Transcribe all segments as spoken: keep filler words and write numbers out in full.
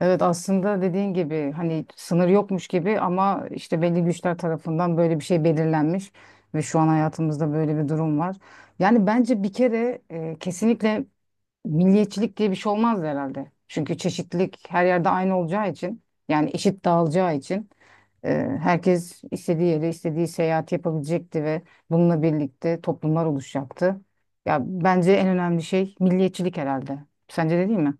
Evet, aslında dediğin gibi hani sınır yokmuş gibi ama işte belli güçler tarafından böyle bir şey belirlenmiş ve şu an hayatımızda böyle bir durum var. Yani bence bir kere e, kesinlikle milliyetçilik diye bir şey olmazdı herhalde. Çünkü çeşitlilik her yerde aynı olacağı için, yani eşit dağılacağı için, e, herkes istediği yere istediği seyahat yapabilecekti ve bununla birlikte toplumlar oluşacaktı. Ya bence en önemli şey milliyetçilik herhalde. Sence de değil mi?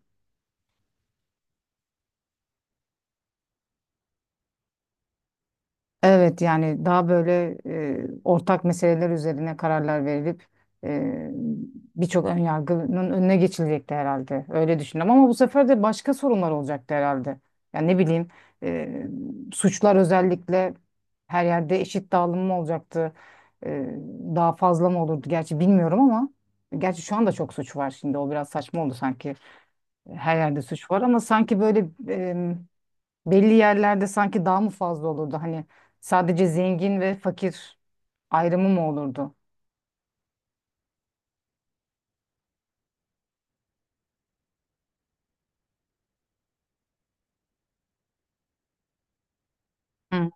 Evet, yani daha böyle e, ortak meseleler üzerine kararlar verilip e, birçok önyargının önüne geçilecekti herhalde. Öyle düşündüm ama bu sefer de başka sorunlar olacaktı herhalde. Yani ne bileyim, e, suçlar özellikle her yerde eşit dağılım mı olacaktı? E, Daha fazla mı olurdu? Gerçi bilmiyorum ama gerçi şu anda çok suç var, şimdi o biraz saçma oldu sanki. Her yerde suç var ama sanki böyle belli yerlerde sanki daha mı fazla olurdu? Hani sadece zengin ve fakir ayrımı mı olurdu? Hı.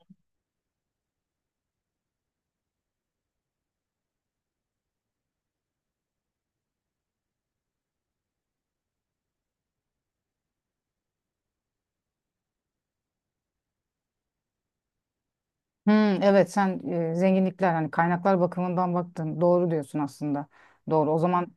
Hmm, evet sen e, zenginlikler, hani kaynaklar bakımından baktın. Doğru diyorsun aslında. Doğru. O zaman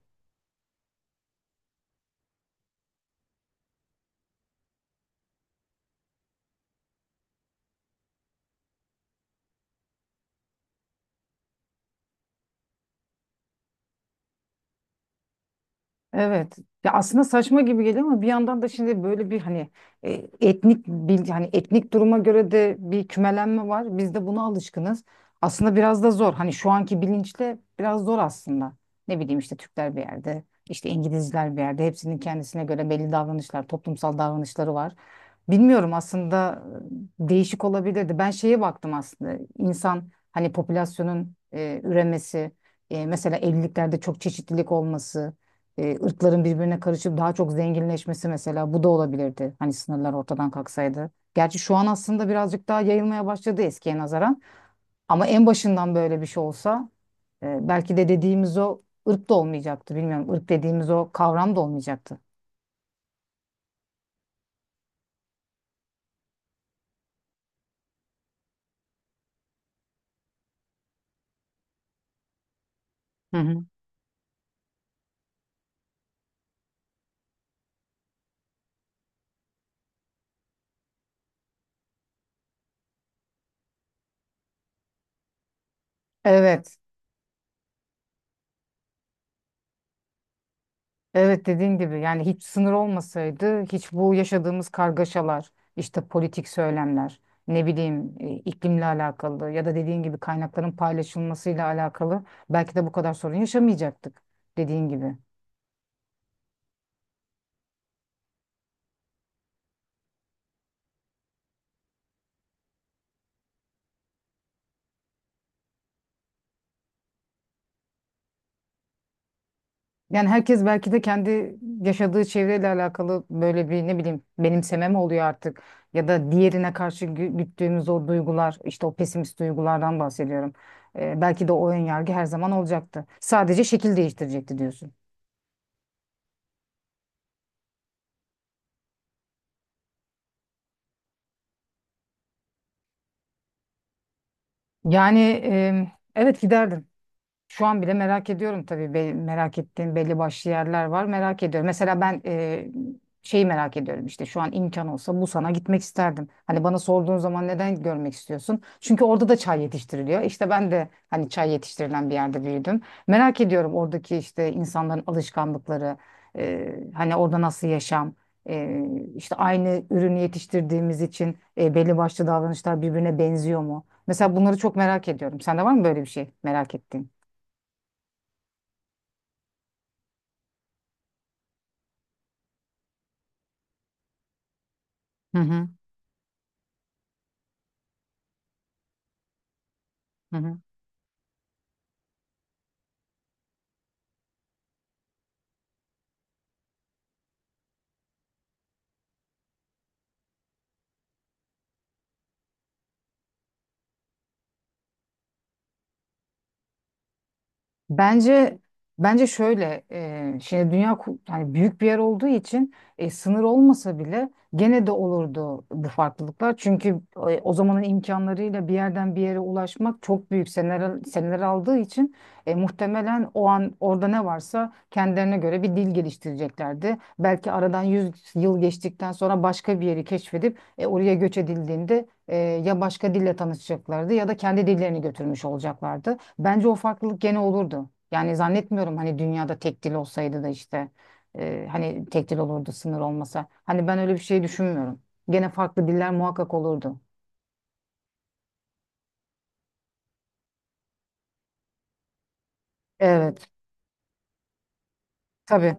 evet. Ya aslında saçma gibi geliyor ama bir yandan da şimdi böyle bir hani e, etnik bil, hani etnik duruma göre de bir kümelenme var. Biz de buna alışkınız. Aslında biraz da zor. Hani şu anki bilinçle biraz zor aslında. Ne bileyim işte Türkler bir yerde, işte İngilizler bir yerde. Hepsinin kendisine göre belli davranışlar, toplumsal davranışları var. Bilmiyorum aslında, e, değişik olabilirdi. Ben şeye baktım aslında. İnsan hani popülasyonun e, üremesi, e, mesela evliliklerde çok çeşitlilik olması, e, ırkların birbirine karışıp daha çok zenginleşmesi, mesela bu da olabilirdi. Hani sınırlar ortadan kalksaydı. Gerçi şu an aslında birazcık daha yayılmaya başladı eskiye nazaran. Ama en başından böyle bir şey olsa e, belki de dediğimiz o ırk da olmayacaktı. Bilmiyorum, ırk dediğimiz o kavram da olmayacaktı. Hı hı. Evet. Evet, dediğin gibi yani hiç sınır olmasaydı hiç bu yaşadığımız kargaşalar, işte politik söylemler, ne bileyim, e, iklimle alakalı ya da dediğin gibi kaynakların paylaşılmasıyla alakalı, belki de bu kadar sorun yaşamayacaktık, dediğin gibi. Yani herkes belki de kendi yaşadığı çevreyle alakalı böyle bir ne bileyim benimseme mi oluyor artık, ya da diğerine karşı gü- güttüğümüz o duygular, işte o pesimist duygulardan bahsediyorum. E, belki de o ön yargı her zaman olacaktı. Sadece şekil değiştirecekti diyorsun. Yani em, evet, giderdim. Şu an bile merak ediyorum tabii. Be- merak ettiğim belli başlı yerler var. Merak ediyorum. Mesela ben e, şeyi merak ediyorum, işte şu an imkan olsa Busan'a gitmek isterdim. Hani bana sorduğun zaman neden görmek istiyorsun? Çünkü orada da çay yetiştiriliyor. İşte ben de hani çay yetiştirilen bir yerde büyüdüm. Merak ediyorum oradaki işte insanların alışkanlıkları, e, hani orada nasıl yaşam, e, işte aynı ürünü yetiştirdiğimiz için e, belli başlı davranışlar birbirine benziyor mu? Mesela bunları çok merak ediyorum. Sende var mı böyle bir şey merak ettiğin? Hı hı, hı hı. Bence bence şöyle, e, şey, dünya ku- hani büyük bir yer olduğu için e, sınır olmasa bile gene de olurdu bu farklılıklar. Çünkü e, o zamanın imkanlarıyla bir yerden bir yere ulaşmak çok büyük seneler seneler aldığı için e, muhtemelen o an orada ne varsa kendilerine göre bir dil geliştireceklerdi. Belki aradan yüz yıl geçtikten sonra başka bir yeri keşfedip e, oraya göç edildiğinde e, ya başka dille tanışacaklardı ya da kendi dillerini götürmüş olacaklardı. Bence o farklılık gene olurdu. Yani zannetmiyorum, hani dünyada tek dil olsaydı da işte e, hani tek dil olurdu sınır olmasa. Hani ben öyle bir şey düşünmüyorum. Gene farklı diller muhakkak olurdu. Evet, tabii.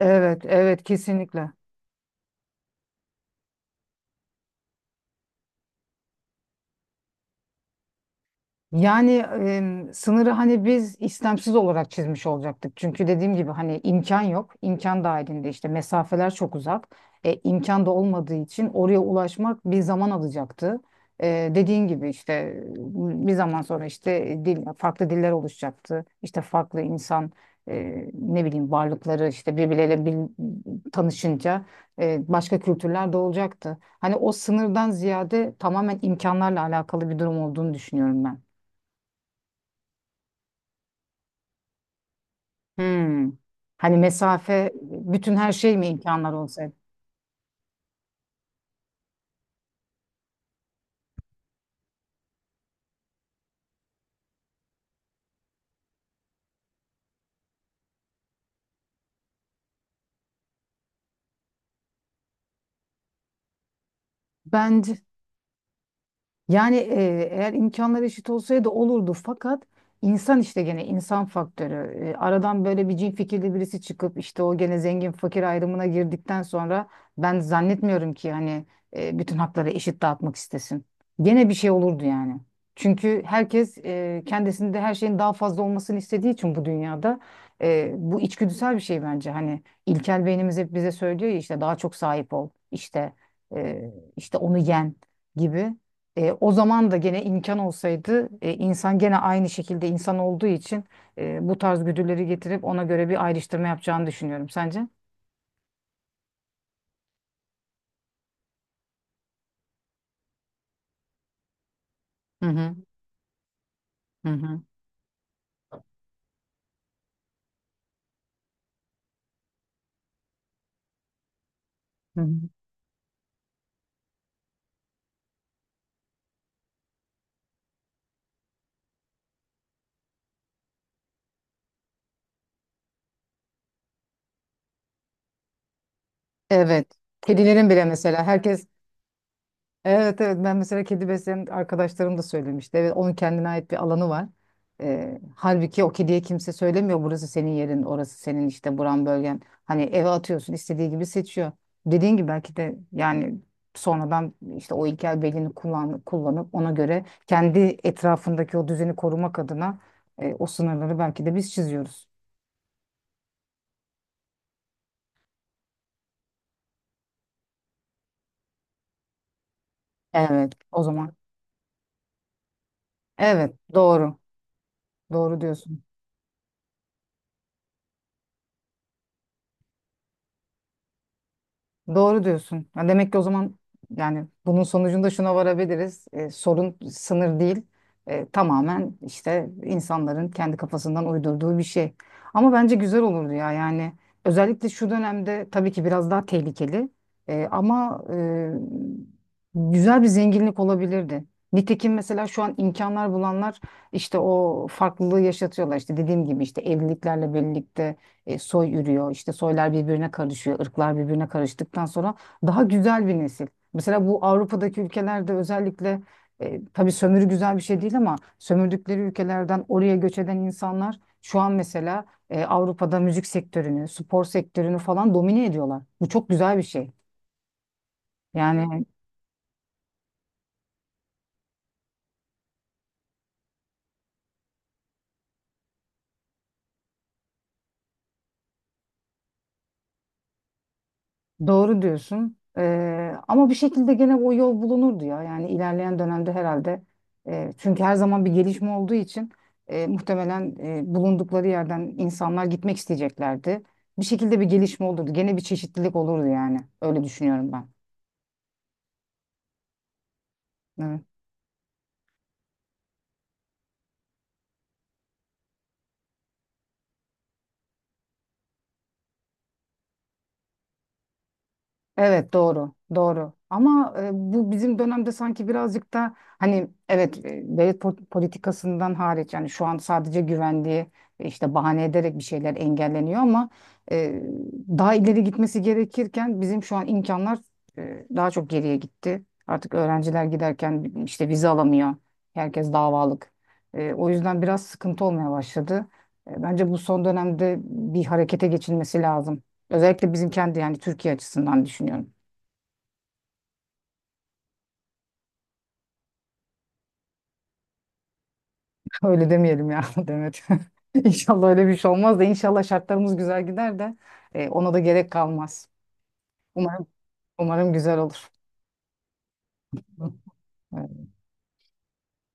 Evet, evet kesinlikle. Yani em, sınırı hani biz istemsiz olarak çizmiş olacaktık. Çünkü dediğim gibi hani imkan yok. İmkan dahilinde işte mesafeler çok uzak. E, imkan da olmadığı için oraya ulaşmak bir zaman alacaktı. E, dediğin gibi işte bir zaman sonra işte dil, farklı diller oluşacaktı. İşte farklı insan, e, ne bileyim varlıkları işte birbirleriyle bil- tanışınca e, başka kültürler de olacaktı. Hani o sınırdan ziyade tamamen imkanlarla alakalı bir durum olduğunu düşünüyorum ben. Hmm. Hani mesafe, bütün her şey mi imkanlar olsaydı? Bence, yani e, eğer imkanlar eşit olsaydı olurdu, fakat insan işte gene insan faktörü. E, aradan böyle bir cin fikirli birisi çıkıp işte o gene zengin fakir ayrımına girdikten sonra, ben zannetmiyorum ki hani e, bütün hakları eşit dağıtmak istesin. Gene bir şey olurdu yani. Çünkü herkes e, kendisinde her şeyin daha fazla olmasını istediği için bu dünyada, e, bu içgüdüsel bir şey bence. Hani ilkel beynimiz hep bize söylüyor ya, işte daha çok sahip ol, işte e, işte onu yen gibi. E, o zaman da gene imkan olsaydı e, insan gene aynı şekilde insan olduğu için e, bu tarz güdüleri getirip ona göre bir ayrıştırma yapacağını düşünüyorum. Sence? Hı hı. Hı hı. Hı hı. Evet. Kedilerin bile mesela herkes evet, evet, ben mesela kedi besleyen arkadaşlarım da söylemişti. Evet, onun kendine ait bir alanı var. Ee, halbuki o kediye kimse söylemiyor burası senin yerin, orası senin, işte buran bölgen. Hani eve atıyorsun, istediği gibi seçiyor. Dediğin gibi belki de yani sonradan işte o ilkel belini kullan, kullanıp ona göre kendi etrafındaki o düzeni korumak adına e, o sınırları belki de biz çiziyoruz. Evet, o zaman. Evet, doğru. Doğru diyorsun. Doğru diyorsun. Ya demek ki o zaman yani bunun sonucunda şuna varabiliriz. E, sorun sınır değil. E, tamamen işte insanların kendi kafasından uydurduğu bir şey. Ama bence güzel olurdu ya yani. Özellikle şu dönemde tabii ki biraz daha tehlikeli. E, ama e, güzel bir zenginlik olabilirdi. Nitekim mesela şu an imkanlar bulanlar işte o farklılığı yaşatıyorlar. İşte dediğim gibi işte evliliklerle birlikte e, soy yürüyor. İşte soylar birbirine karışıyor, ırklar birbirine karıştıktan sonra daha güzel bir nesil. Mesela bu Avrupa'daki ülkelerde özellikle e, tabii sömürü güzel bir şey değil, ama sömürdükleri ülkelerden oraya göç eden insanlar şu an mesela e, Avrupa'da müzik sektörünü, spor sektörünü falan domine ediyorlar. Bu çok güzel bir şey. Yani doğru diyorsun. Ee, ama bir şekilde gene o yol bulunurdu ya. Yani ilerleyen dönemde herhalde, e, çünkü her zaman bir gelişme olduğu için e, muhtemelen e, bulundukları yerden insanlar gitmek isteyeceklerdi. Bir şekilde bir gelişme olurdu. Gene bir çeşitlilik olurdu yani. Öyle düşünüyorum ben. Evet. Evet, doğru doğru, ama e, bu bizim dönemde sanki birazcık da hani, evet, e, devlet po- politikasından hariç yani şu an sadece güvenliği e, işte bahane ederek bir şeyler engelleniyor ama e, daha ileri gitmesi gerekirken bizim şu an imkanlar e, daha çok geriye gitti. Artık öğrenciler giderken işte vize alamıyor. Herkes davalık. E, o yüzden biraz sıkıntı olmaya başladı. E, bence bu son dönemde bir harekete geçilmesi lazım. Özellikle bizim kendi yani Türkiye açısından düşünüyorum. Öyle demeyelim ya Demet. İnşallah öyle bir şey olmaz da inşallah şartlarımız güzel gider de e, ona da gerek kalmaz. Umarım, umarım güzel olur. Hı, evet.